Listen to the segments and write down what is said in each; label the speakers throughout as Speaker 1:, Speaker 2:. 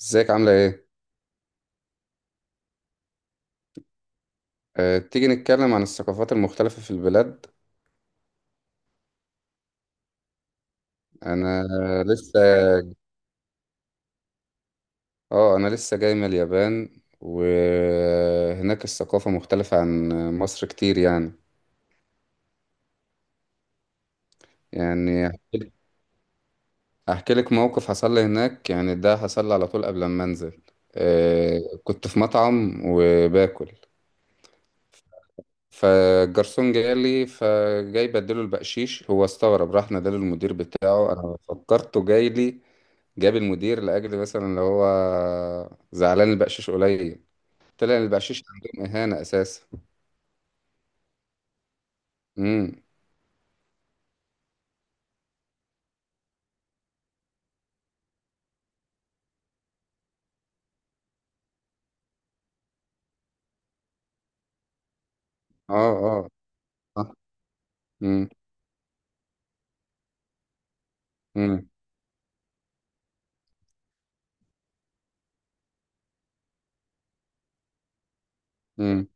Speaker 1: ازيك عاملة ايه؟ أه تيجي نتكلم عن الثقافات المختلفة في البلاد. انا لسه اه انا لسه جاي من اليابان وهناك الثقافة مختلفة عن مصر كتير يعني. يعني هحكي هحكي لك موقف حصل لي هناك، يعني ده حصل لي على طول قبل ما انزل. أه كنت في مطعم وباكل، فالجرسون جاي لي، فجاي بديله البقشيش، هو استغرب، راح نادى المدير بتاعه، انا فكرته جاي لي جاب المدير لاجل مثلا اللي هو زعلان البقشيش قليل. طلع البقشيش عندهم اهانه اساسا. امم اه اه، صح. امم امم امم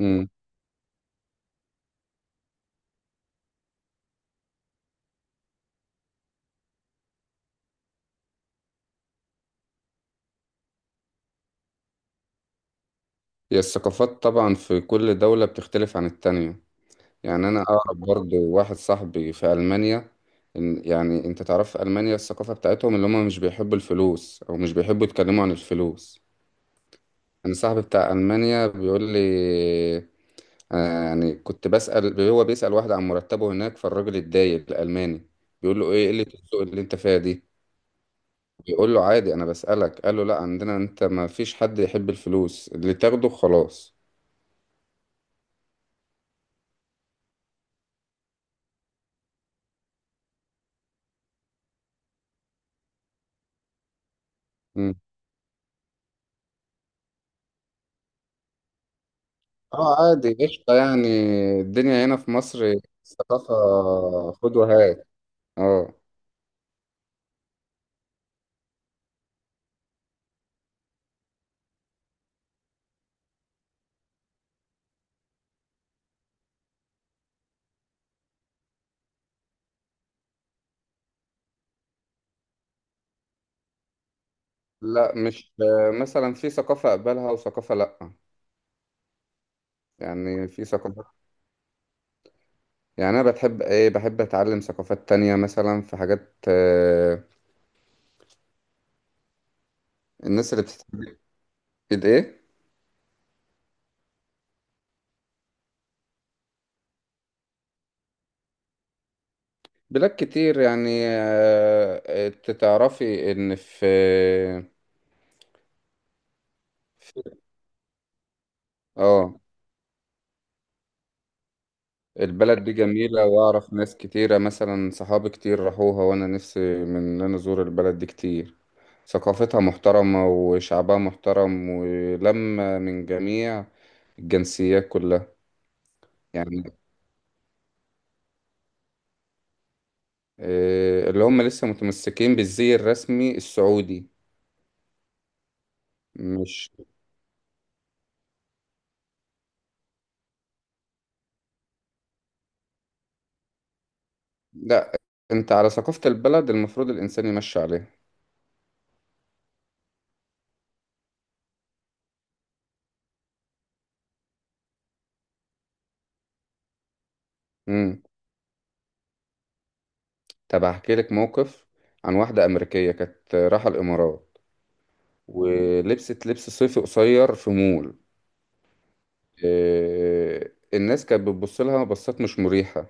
Speaker 1: امم هي الثقافات طبعا في كل دوله بتختلف عن التانية. يعني انا اعرف برضو واحد صاحبي في المانيا، يعني انت تعرف في المانيا الثقافه بتاعتهم اللي هم مش بيحبوا الفلوس او مش بيحبوا يتكلموا عن الفلوس. انا صاحبي بتاع المانيا بيقول لي يعني كنت بسأل، هو بيسأل واحد عن مرتبه هناك، فالراجل اتضايق الألماني، بيقول له ايه قلة الذوق اللي انت فيها دي. بيقول له عادي انا بسألك، قال له لا عندنا انت ما فيش حد يحب الفلوس اللي تاخده خلاص. مم. اه عادي قشطة يعني، الدنيا هنا في مصر ثقافة خد وهات. اه لا مش، مثلا في ثقافة أقبلها وثقافة لأ. يعني في ثقافة، يعني أنا بتحب إيه، بحب أتعلم ثقافات تانية، مثلا في حاجات الناس اللي بتتعلم الايه. بلاد كتير يعني، انت تعرفي ان في في- اه البلد دي جميلة، واعرف ناس كتيرة مثلا صحابي كتير راحوها، وانا نفسي من ان انا ازور البلد دي كتير. ثقافتها محترمة وشعبها محترم ولما من جميع الجنسيات كلها. يعني اللي هم لسه متمسكين بالزي الرسمي السعودي، مش لا، انت على ثقافة البلد المفروض الانسان يمشي عليها. طب هحكي لك موقف عن واحدة أمريكية كانت رايحة الإمارات، ولبست لبس صيفي قصير في مول. الناس كانت بتبص لها بصات مش مريحة،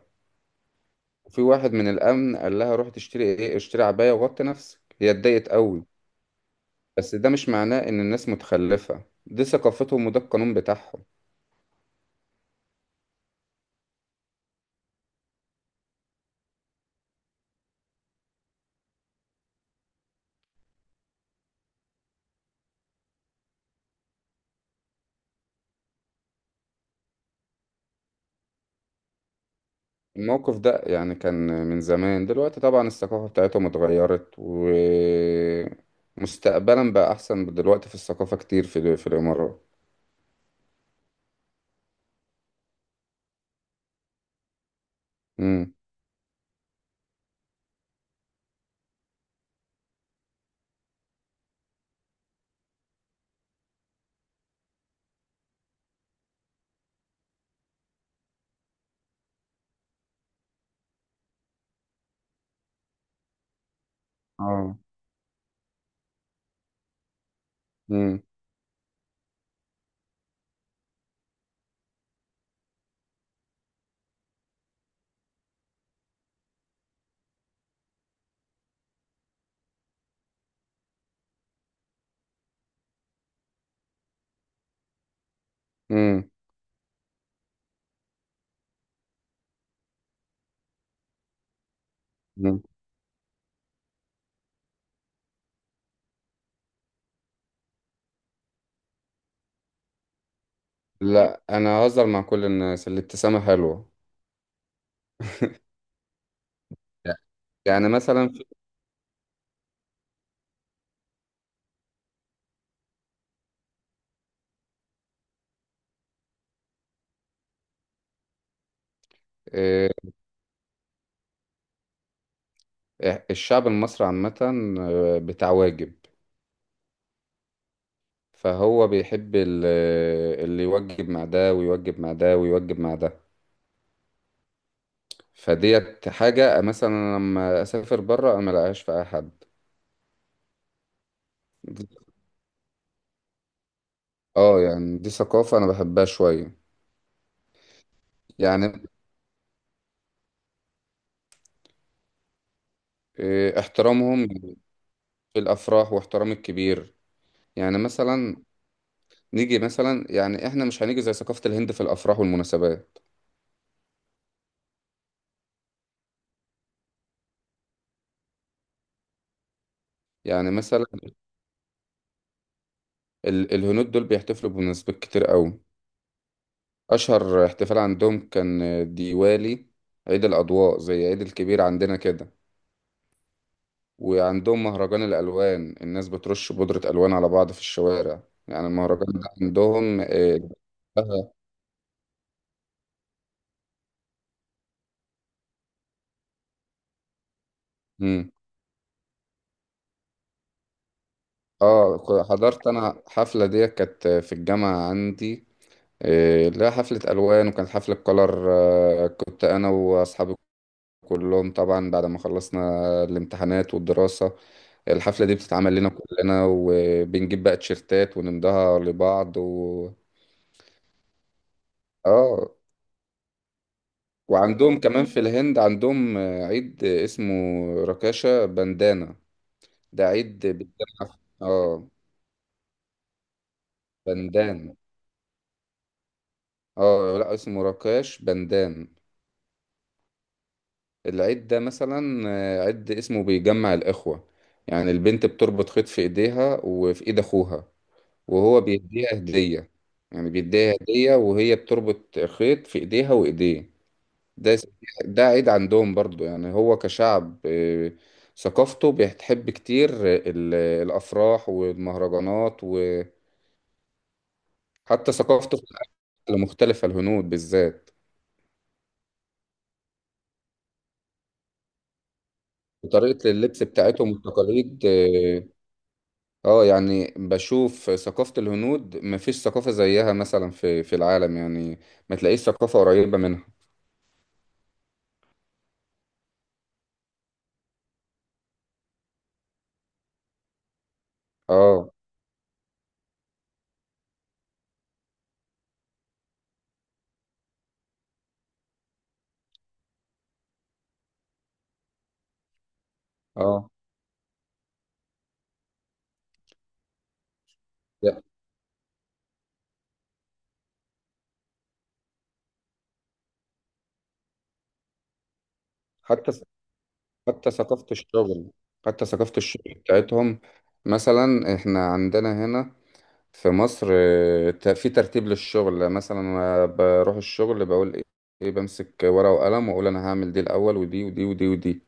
Speaker 1: وفي واحد من الأمن قال لها روح تشتري إيه اشتري عباية وغطي نفسك، هي اتضايقت قوي. بس ده مش معناه إن الناس متخلفة، دي ثقافتهم وده القانون بتاعهم. الموقف ده يعني كان من زمان، دلوقتي طبعا الثقافة بتاعتهم اتغيرت ومستقبلا بقى أحسن دلوقتي في الثقافة كتير في الإمارات. مم. اه. امم امم أمم. لا انا اهزر مع كل الناس، الابتسامه حلوه. يعني مثلا آه، الشعب المصري عامه بتاع واجب، فهو بيحب اللي يوجب مع ده ويوجب مع ده ويوجب مع ده. فديت حاجه مثلا أنا لما اسافر بره انا ملاقيهاش في اي حد. اه يعني دي ثقافه انا بحبها شويه. يعني احترامهم في الافراح، واحترام الكبير. يعني مثلا نيجي مثلا، يعني احنا مش هنيجي زي ثقافة الهند في الافراح والمناسبات. يعني مثلا الهنود دول بيحتفلوا بمناسبات كتير قوي. اشهر احتفال عندهم كان ديوالي، عيد الاضواء زي عيد الكبير عندنا كده. وعندهم مهرجان الالوان، الناس بترش بودرة الوان على بعض في الشوارع، يعني المهرجان ده عندهم. اه. مم. حضرت انا حفلة ديت كانت في الجامعة عندي، لا حفلة ألوان وكانت حفلة كولر. كنت أنا وأصحاب كلهم طبعا بعد ما خلصنا الامتحانات والدراسة، الحفلة دي بتتعمل لنا كلنا، وبنجيب بقى تيشيرتات ونمضها لبعض و... اه. وعندهم كمان في الهند عندهم عيد اسمه راكاشا بندانا. ده عيد بيتجمع اه بندان، اه لا اسمه راكاش بندان. العيد ده مثلا عيد اسمه بيجمع الإخوة، يعني البنت بتربط خيط في ايديها وفي ايد اخوها، وهو بيديها هدية. يعني بيديها هدية، وهي بتربط خيط في ايديها وايديه. ده ده عيد عندهم برضو. يعني هو كشعب ثقافته بتحب كتير الأفراح والمهرجانات، وحتى ثقافته في الأكل مختلفة الهنود بالذات، وطريقة اللبس بتاعتهم والتقاليد. اه يعني بشوف ثقافة الهنود مفيش ثقافة زيها مثلا في العالم، يعني ما تلاقيش ثقافة قريبة منها. اه اه لا. حتى حتى ثقافة الشغل حتى ثقافة الشغل بتاعتهم. مثلا احنا عندنا هنا في مصر في ترتيب للشغل، مثلا أنا بروح الشغل بقول ايه، بمسك ورقة وقلم واقول انا هعمل دي الاول ودي ودي ودي ودي.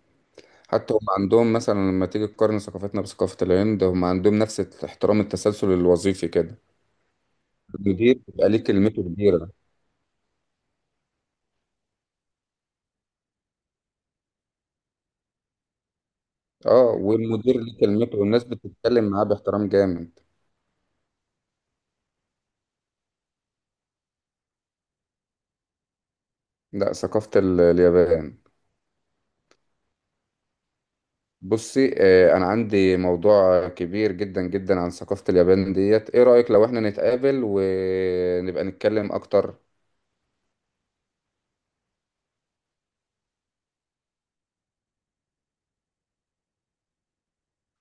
Speaker 1: حتى هم عندهم، مثلا لما تيجي تقارن ثقافتنا بثقافة الهند، هم عندهم نفس احترام التسلسل الوظيفي كده، المدير بيبقى ليه كلمته كبيرة. اه والمدير ليه كلمته والناس بتتكلم معاه باحترام جامد. لا ثقافة اليابان. بصي، انا عندي موضوع كبير جدا جدا عن ثقافة اليابان ديت، ايه رأيك لو احنا نتقابل ونبقى نتكلم اكتر.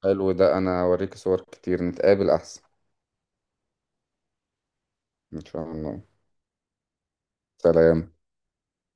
Speaker 1: حلو ده، انا اوريك صور كتير، نتقابل احسن. ان شاء الله. سلام.